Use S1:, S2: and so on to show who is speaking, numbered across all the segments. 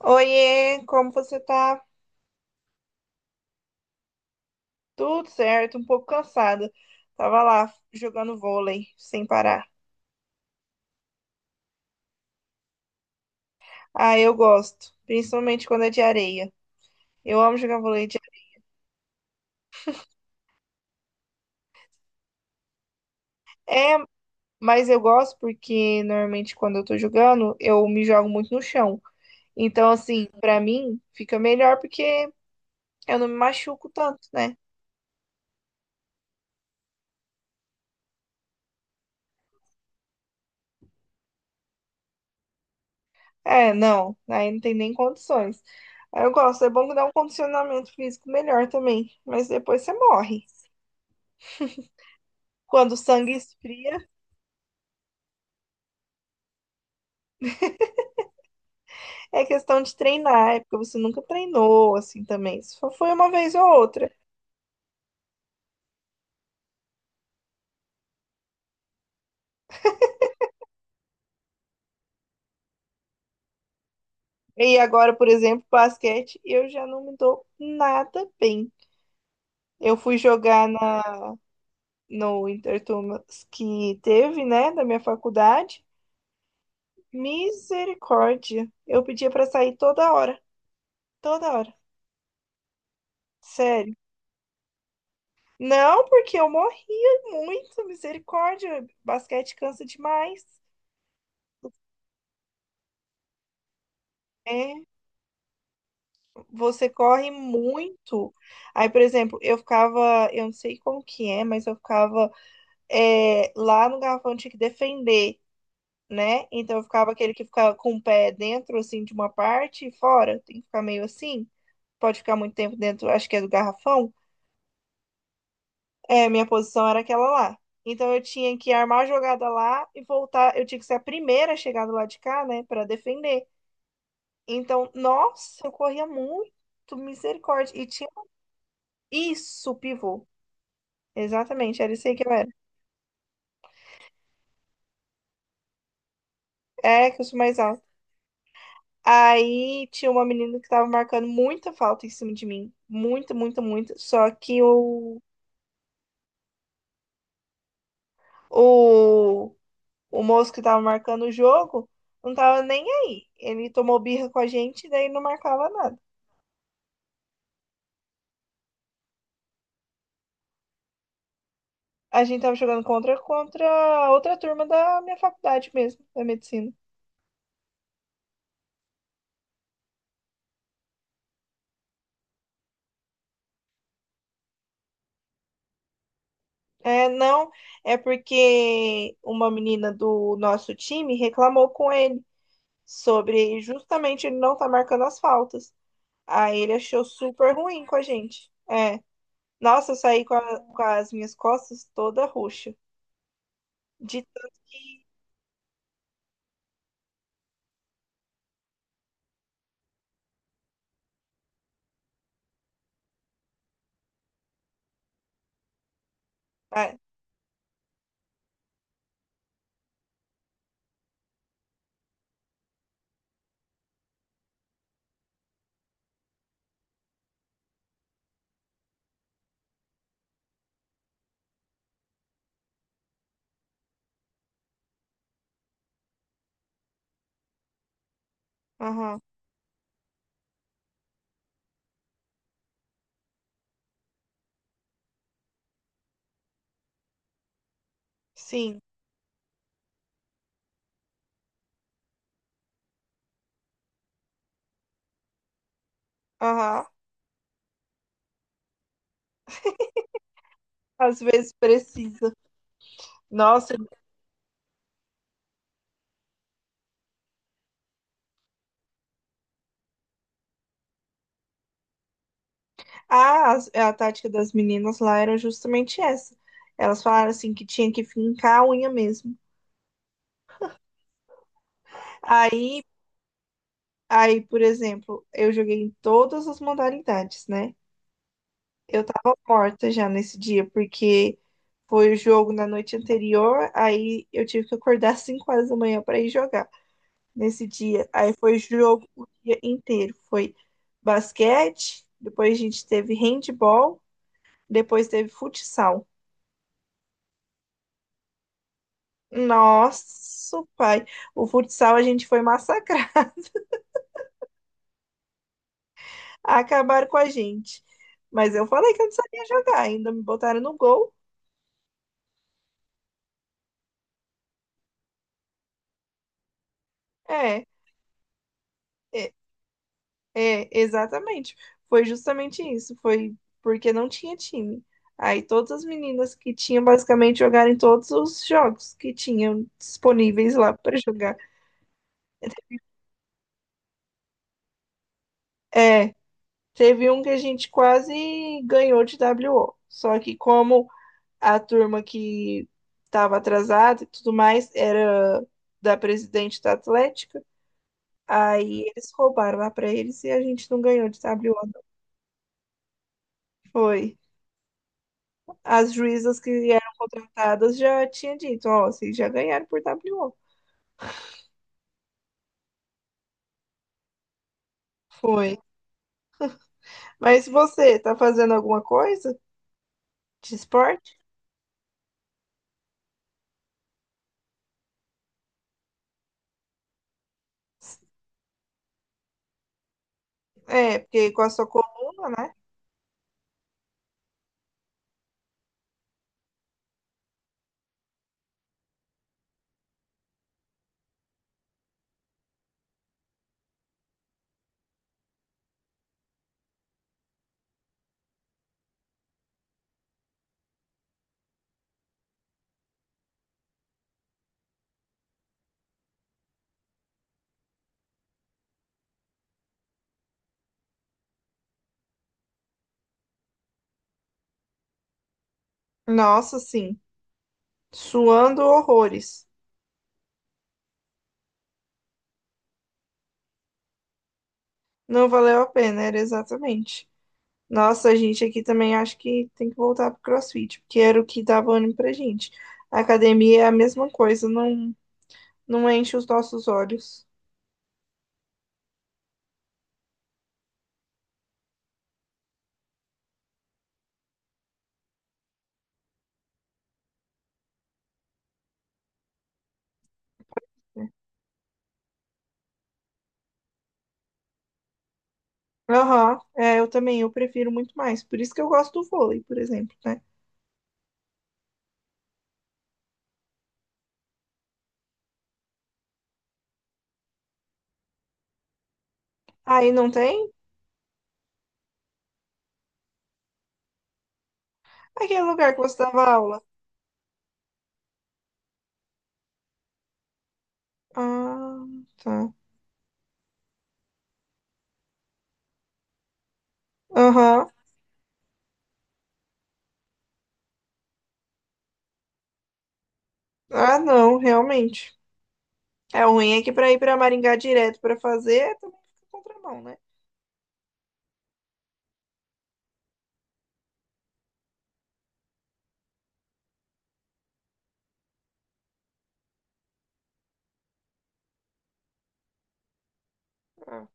S1: Oiê, como você tá? Tudo certo, um pouco cansada. Tava lá jogando vôlei sem parar. Ah, eu gosto, principalmente quando é de areia. Eu amo jogar vôlei de areia. É, mas eu gosto porque normalmente quando eu tô jogando, eu me jogo muito no chão. Então, assim, pra mim fica melhor porque eu não me machuco tanto, né? É, não, aí não tem nem condições. Aí eu gosto, é bom que dá um condicionamento físico melhor também, mas depois você morre. Quando o sangue esfria. É questão de treinar, é porque você nunca treinou assim também. Só foi uma vez ou outra. E agora, por exemplo, basquete, eu já não me dou nada bem. Eu fui jogar no Interturmas que teve, né, da minha faculdade. Misericórdia. Eu pedia pra sair toda hora, toda hora. Sério. Não, porque eu morria muito, misericórdia. Basquete cansa demais. É, você corre muito. Aí, por exemplo, eu ficava, eu não sei como que é, mas eu ficava lá no garrafão eu tinha que defender, né? Então eu ficava aquele que ficava com o pé dentro, assim, de uma parte e fora, tem que ficar meio assim, pode ficar muito tempo dentro, acho que é do garrafão. É, minha posição era aquela lá. Então eu tinha que armar a jogada lá e voltar, eu tinha que ser a primeira a chegar do lado de cá, né, para defender. Então, nossa, eu corria muito, misericórdia. E tinha isso, pivô. Exatamente, era isso aí que eu era. É, que eu sou mais alta. Aí tinha uma menina que tava marcando muita falta em cima de mim. Muito, muito, muito. Só que o, o moço que tava marcando o jogo não tava nem aí. Ele tomou birra com a gente, daí não marcava nada. A gente tava jogando contra outra turma da minha faculdade mesmo, da medicina. É, não, é porque uma menina do nosso time reclamou com ele. Sobre justamente ele não tá marcando as faltas. Aí ele achou super ruim com a gente. É. Nossa, eu saí com as minhas costas toda roxa. De tanto que. É. Aham. Sim. Aham. Às vezes precisa. Nossa. Ah, as- a tática das meninas lá era justamente essa. Elas falaram assim que tinha que fincar a unha mesmo. Aí, aí, por exemplo, eu joguei em todas as modalidades, né? Eu tava morta já nesse dia, porque foi o jogo na noite anterior, aí eu tive que acordar às 5 horas da manhã para ir jogar nesse dia. Aí foi jogo o dia inteiro. Foi basquete, depois a gente teve handball, depois teve futsal. Nossa, pai, o futsal a gente foi massacrar. Acabaram com a gente. Mas eu falei que eu não sabia jogar, ainda me botaram no gol. É. É, É, exatamente. Foi justamente isso. Foi porque não tinha time. Aí todas as meninas que tinham basicamente jogaram em todos os jogos que tinham disponíveis lá para jogar. É, teve um que a gente quase ganhou de WO. Só que como a turma que estava atrasada e tudo mais era da presidente da Atlética, aí eles roubaram lá para eles e a gente não ganhou de WO. Foi. As juízas que eram contratadas já tinha dito, ó, vocês já ganharam por W O. Foi. Mas você tá fazendo alguma coisa de esporte? É, porque com a sua coluna, né? Nossa, sim. Suando horrores. Não valeu a pena, era exatamente. Nossa, a gente aqui também acho que tem que voltar pro CrossFit, porque era o que dava ânimo pra gente. A academia é a mesma coisa, não, não enche os nossos olhos. Né? Aham, é, eu também, eu prefiro muito mais. Por isso que eu gosto do vôlei, por exemplo, né? Aí não tem? Aquele lugar que você dava aula. Ah, tá. Aham. Ah, não, realmente. É ruim é que pra ir pra Maringá direto pra fazer, é também fica contramão, né? Ah.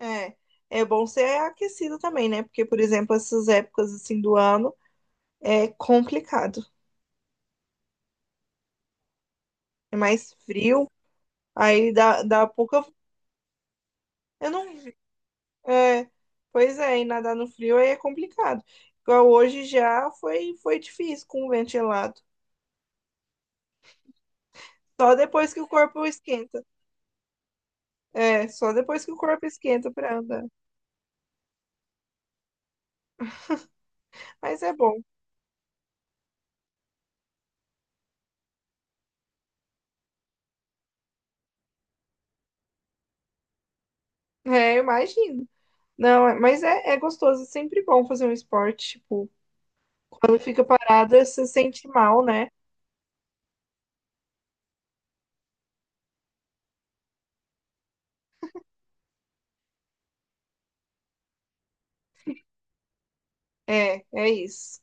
S1: É. É bom ser aquecido também, né? Porque, por exemplo, essas épocas assim do ano é complicado. É mais frio, aí dá pouca. Eu não. É, pois é, e nadar no frio aí é complicado. Igual hoje já foi difícil com o ventilado. Só depois que o corpo esquenta. É, só depois que o corpo esquenta pra andar. Mas é bom. É, eu imagino. Não, mas é gostoso, é sempre bom fazer um esporte. Tipo, quando fica parada, você sente mal, né? É, é isso.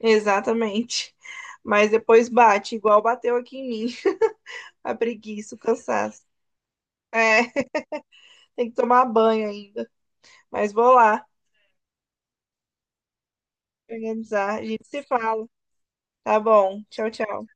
S1: Exatamente. Mas depois bate, igual bateu aqui em mim, a preguiça, o cansaço. É, tem que tomar banho ainda. Mas vou lá. Organizar. A gente se fala. Tá bom. Tchau, tchau.